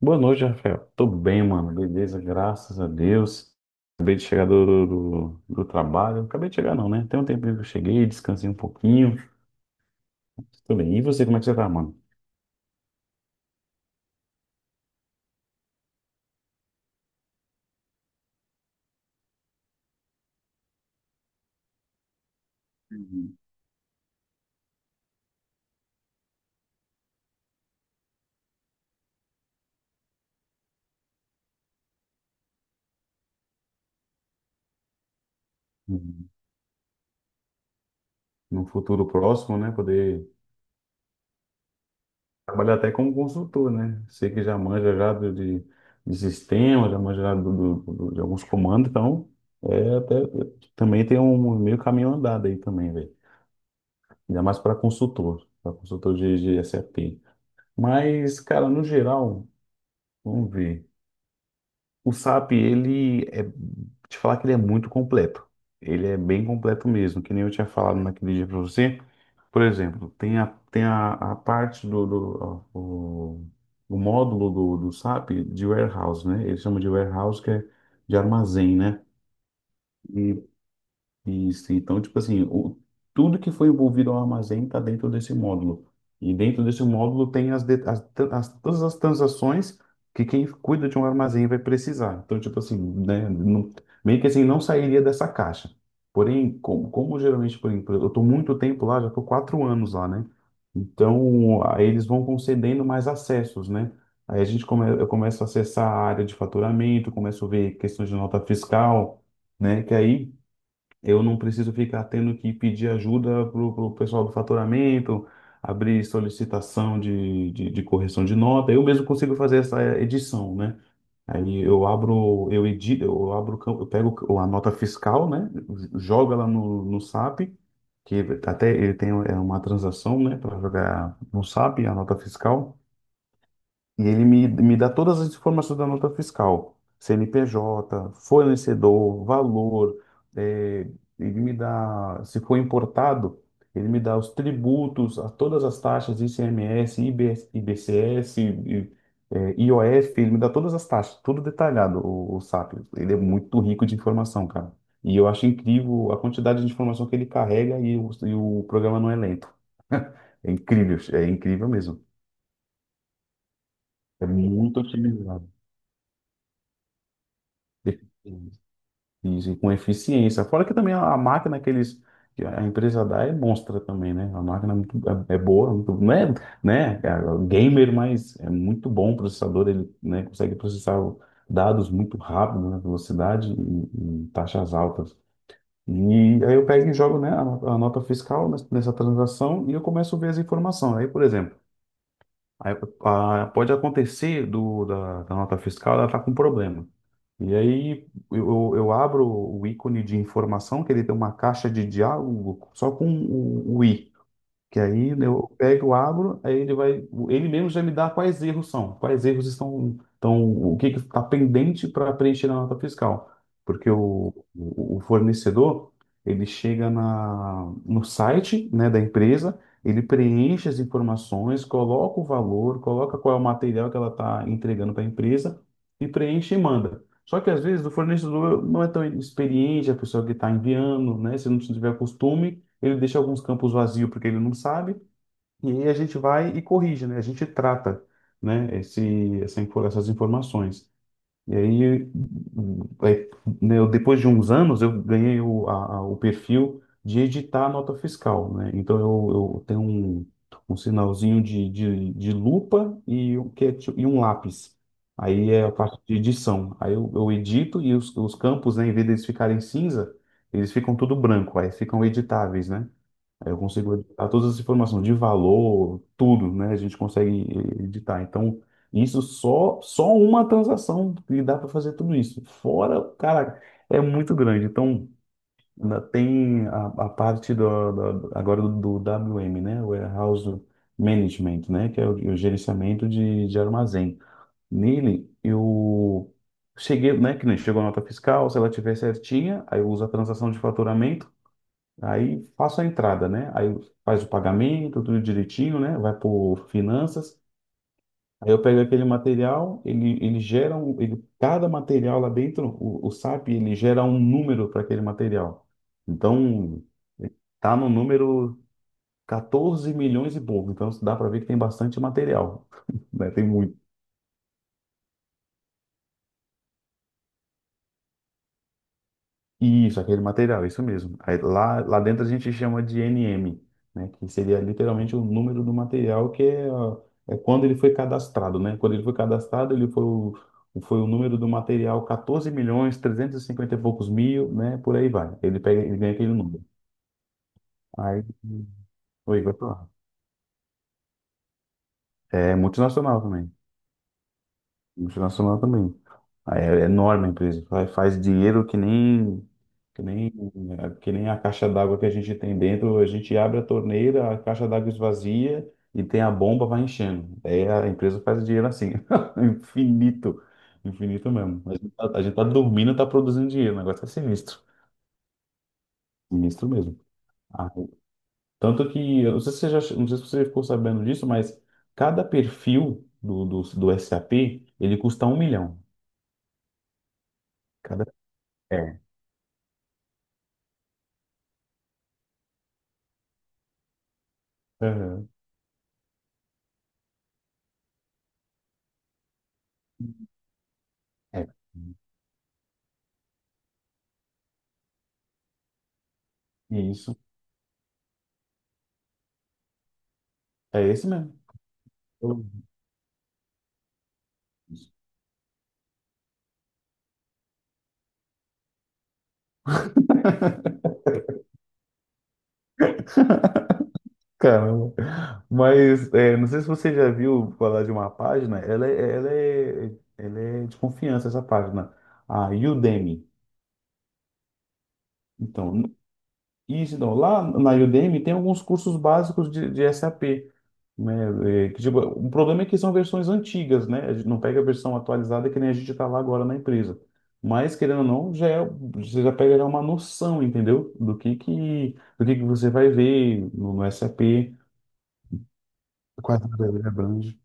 Boa noite, Rafael. Tô bem, mano. Beleza, graças a Deus. Acabei de chegar do trabalho. Acabei de chegar, não, né? Tem um tempinho que eu cheguei, descansei um pouquinho. Tô bem. E você, como é que você tá, mano? Uhum. Uhum. No futuro próximo, né? Poder trabalhar até como consultor, né? Sei que já manja já de sistema, já manja já de alguns comandos, então é até também tem um meio caminho andado aí também, velho. Ainda mais para consultor de SAP. Mas, cara, no geral, vamos ver. O SAP, ele é, te falar que ele é muito completo. Ele é bem completo mesmo, que nem eu tinha falado naquele dia para você. Por exemplo, tem a parte do, do ó, o módulo do SAP de warehouse, né? Eles chamam de warehouse, que é de armazém, né? E isso, então, tipo assim, o, tudo que foi envolvido ao armazém está dentro desse módulo. E dentro desse módulo tem as, de- as, tran- as- todas as transações que quem cuida de um armazém vai precisar. Então, tipo assim, né, não, meio que assim, não sairia dessa caixa. Porém, como geralmente, por exemplo, eu estou muito tempo lá, já estou 4 anos lá, né? Então, aí eles vão concedendo mais acessos, né? Aí a gente come, eu começo a acessar a área de faturamento, começo a ver questões de nota fiscal, né? Que aí eu não preciso ficar tendo que pedir ajuda pro pessoal do faturamento, abrir solicitação de correção de nota. Eu mesmo consigo fazer essa edição, né? Aí eu abro, eu edito, eu abro, eu pego a nota fiscal, né? Jogo ela no SAP, que até ele tem é uma transação, né? Para jogar no SAP a nota fiscal. E ele me dá todas as informações da nota fiscal, CNPJ, fornecedor, valor, eh, ele me dá, se for importado, ele me dá os tributos, a todas as taxas, ICMS, IBS, IOF, ele me dá todas as taxas, tudo detalhado, o SAP. Ele é muito rico de informação, cara. E eu acho incrível a quantidade de informação que ele carrega e o programa não é lento. É incrível mesmo. É muito otimizado. Isso, e com eficiência. Fora que também a máquina que eles, que a empresa dá é monstra também, né? A máquina é, muito, é, é boa, muito, não é, né? É gamer, mas é muito bom o processador, ele, né, consegue processar dados muito rápido, na velocidade e taxas altas. E aí eu pego e jogo, né, a nota fiscal nessa transação e eu começo a ver as informações. Aí, por exemplo, aí, pode acontecer da nota fiscal, ela tá com problema. E aí eu abro o ícone de informação, que ele tem uma caixa de diálogo só com o i. Que aí né, eu pego, abro, aí ele vai, ele mesmo já me dá quais erros são, quais erros estão, então o que está pendente para preencher na nota fiscal, porque o fornecedor ele chega no site, né, da empresa, ele preenche as informações, coloca o valor, coloca qual é o material que ela está entregando para a empresa e preenche e manda. Só que às vezes o fornecedor não é tão experiente, a pessoa que está enviando, né, se não tiver costume ele deixa alguns campos vazios porque ele não sabe, e aí a gente vai e corrige, né? A gente trata, né, essas informações. E aí, né, depois de uns anos, eu ganhei o perfil de editar a nota fiscal, né? Então, eu tenho um, um sinalzinho de lupa e, um lápis. Aí é a parte de edição. Aí eu edito e os campos, né, em vez deles ficarem cinza, eles ficam tudo branco, aí ficam editáveis, né? Aí eu consigo editar todas as informações de valor, tudo, né? A gente consegue editar. Então, isso só uma transação que dá para fazer tudo isso. Fora, cara, é muito grande. Então, ainda tem a parte do- agora do, do WM, né? Warehouse Management, né? Que é o gerenciamento de armazém. Nele, eu cheguei, né? Que nem chegou a nota fiscal, se ela tiver certinha, aí eu uso a transação de faturamento. Aí faço a entrada, né? Aí faz o pagamento, tudo direitinho, né? Vai por finanças. Aí eu pego aquele material, ele gera um, ele, cada material lá dentro, o SAP, ele gera um número para aquele material. Então, tá no número 14 milhões e pouco. Então, dá para ver que tem bastante material, né? Tem muito. Isso, aquele material, isso mesmo. Aí, lá dentro a gente chama de NM, né? Que seria literalmente o número do material que é, ó, é quando ele foi cadastrado, né? Quando ele foi cadastrado, foi o número do material 14 milhões, 350 e cinquenta e poucos mil, né? Por aí vai. Ele pega, ele ganha aquele número. Aí, vai pra lá. É multinacional também. Multinacional também. Aí é enorme a empresa, faz dinheiro que nem, que nem a caixa d'água que a gente tem dentro. A gente abre a torneira, a caixa d'água esvazia e tem a bomba, vai enchendo. Aí a empresa faz dinheiro assim, infinito, infinito mesmo. A gente tá dormindo, tá produzindo dinheiro, o negócio é sinistro, sinistro mesmo. Ah, tanto que, eu não sei se você já, não sei se você ficou sabendo disso, mas cada perfil do SAP, ele custa um milhão. Cada, é, Aham. É. Isso. É esse mesmo. Eu- Caramba. Mas é, não sei se você já viu falar de uma página, ela é de confiança, essa página, a Udemy. Então, Isso, então, lá na Udemy tem alguns cursos básicos de SAP, né? É, que, tipo, o problema é que são versões antigas, né? A gente não pega a versão atualizada que nem a gente está lá agora na empresa. Mas, querendo ou não, você já pega já é uma noção, entendeu? Do que você vai ver no SAP, quais áreas ele abrange.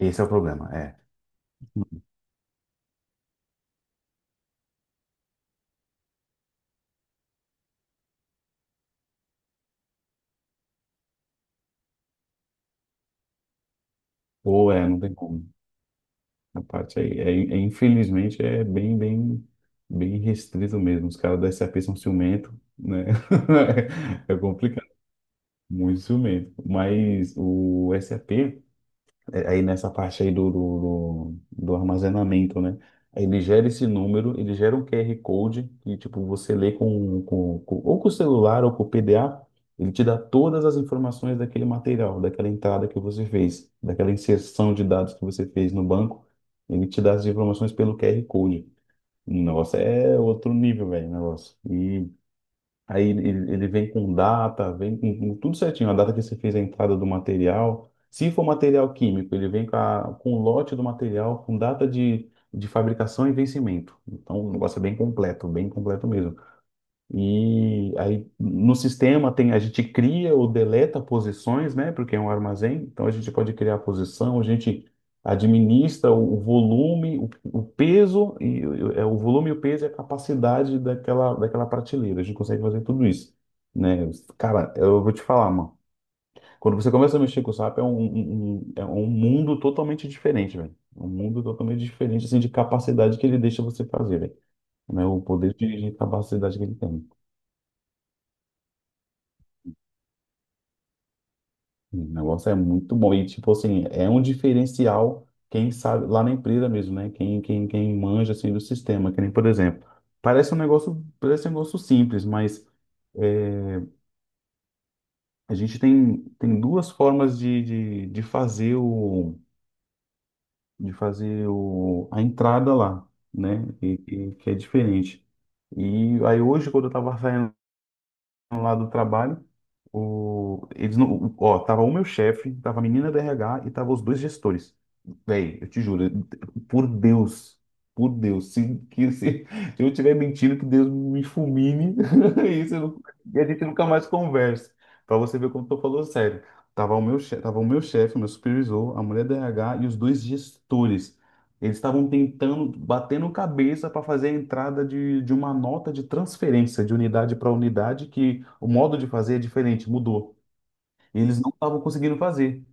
Esse é o problema, é. Ou é, não tem como. A parte aí, infelizmente, é bem restrito mesmo. Os caras da SAP são ciumento, né? É complicado, muito ciumento. Mas o SAP aí nessa parte aí do armazenamento, né? Aí ele gera esse número, ele gera um QR Code que, tipo, você lê ou com o celular ou com o PDA, ele te dá todas as informações daquele material, daquela entrada que você fez, daquela inserção de dados que você fez no banco, ele te dá as informações pelo QR Code. Nossa, é outro nível, velho, o negócio. E aí ele, ele vem com data, vem com tudo certinho, a data que você fez a entrada do material. Se for material químico, ele vem com, a, com o lote do material, com data de fabricação e vencimento. Então, o negócio é bem completo mesmo. E aí no sistema tem, a gente cria ou deleta posições, né? Porque é um armazém, então a gente pode criar a posição, a gente administra o volume, o peso, é o volume, o peso e a capacidade daquela prateleira. A gente consegue fazer tudo isso, né? Cara, eu vou te falar, mano. Quando você começa a mexer com o SAP, é é um mundo totalmente diferente, velho. É um mundo totalmente diferente, assim, de capacidade que ele deixa você fazer, velho. Né? O poder de capacidade que ele tem. O negócio é muito bom. E, tipo assim, é um diferencial, quem sabe, lá na empresa mesmo, né? Quem manja, assim, do sistema. Que nem, por exemplo, parece um negócio simples, mas é, a gente tem, tem 2 formas de fazer o, de fazer o, a entrada lá, né? E que é diferente. E aí hoje, quando eu tava saindo lá do trabalho, o, eles não, o- ó, tava o meu chefe, tava a menina do RH e tava os 2 gestores. Véi, eu te juro, por Deus, por Deus, se, que, se, eu tiver mentindo, que Deus me fulmine, e, isso eu não- e a gente nunca mais conversa. Pra você ver como eu tô falando sério. Tava o meu chefe, o meu supervisor, a mulher do RH e os 2 gestores. Eles estavam tentando, batendo cabeça para fazer a entrada de uma nota de transferência de unidade para unidade, que o modo de fazer é diferente, mudou. Eles não estavam conseguindo fazer.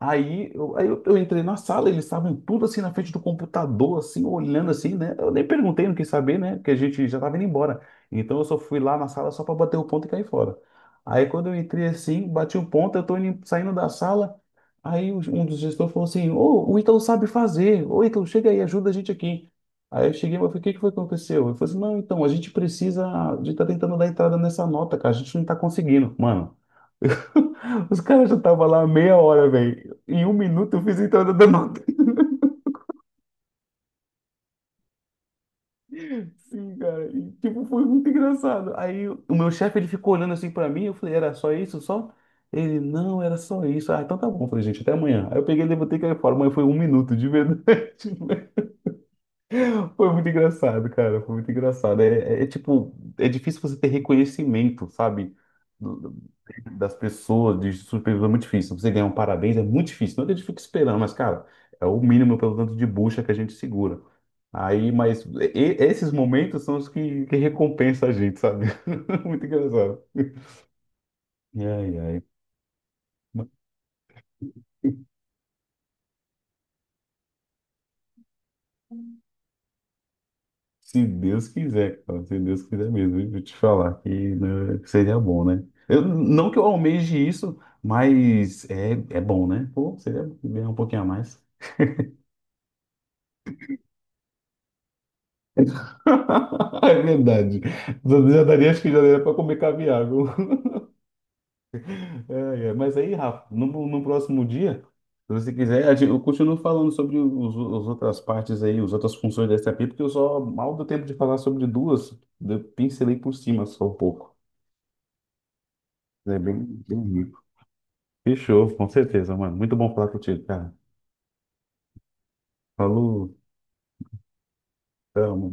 Aí eu entrei na sala, eles estavam tudo assim na frente do computador, assim, olhando assim, né? Eu nem perguntei, não quis saber, né? Porque a gente já estava indo embora. Então eu só fui lá na sala só para bater o ponto e cair fora. Aí quando eu entrei assim, bati o ponto, eu tô saindo da sala. Aí um dos gestores falou assim: Ô, o Ítalo sabe fazer, ô Ítalo, chega aí, ajuda a gente aqui. Aí eu cheguei, mas o que que foi que aconteceu? Eu falei assim: não, então, a gente precisa de estar tentando dar entrada nessa nota, cara, a gente não está conseguindo. Mano. Os caras já estavam lá há meia hora, velho. Em 1 minuto eu fiz a entrada da nota. Sim, cara. E, tipo, foi muito engraçado. Aí o meu chefe, ele ficou olhando assim pra mim. Eu falei, era só isso, só? Ele, não, era só isso. Ah, então tá bom. Eu falei, gente, até amanhã. Aí eu peguei e levantei e caí fora. Mas foi 1 minuto, de verdade. Foi muito engraçado, cara. Foi muito engraçado. É difícil você ter reconhecimento, sabe? Das pessoas, de surpresa é muito difícil. Você ganhar um parabéns é muito difícil. Não é que a gente fica esperando, mas, cara, é o mínimo pelo tanto de bucha que a gente segura. Aí, mas esses momentos são os que recompensa a gente, sabe? Muito engraçado. Ai, ai. Mas se Deus quiser, cara, se Deus quiser mesmo, eu vou te falar que né, seria bom, né? Eu, não que eu almeje isso, é bom, né? Pô, seria bom ganhar um pouquinho a mais. É verdade. Já daria, acho que já daria para comer caviar, viu? É, é. Mas aí, Rafa, no próximo dia, se você quiser, eu continuo falando sobre os, as outras partes aí, as outras funções da SAP, porque eu só mal deu tempo de falar sobre duas, eu pincelei por cima só um pouco. É bem, bem rico. Fechou, com certeza, mano. Muito bom falar contigo, cara. Falou, tamo.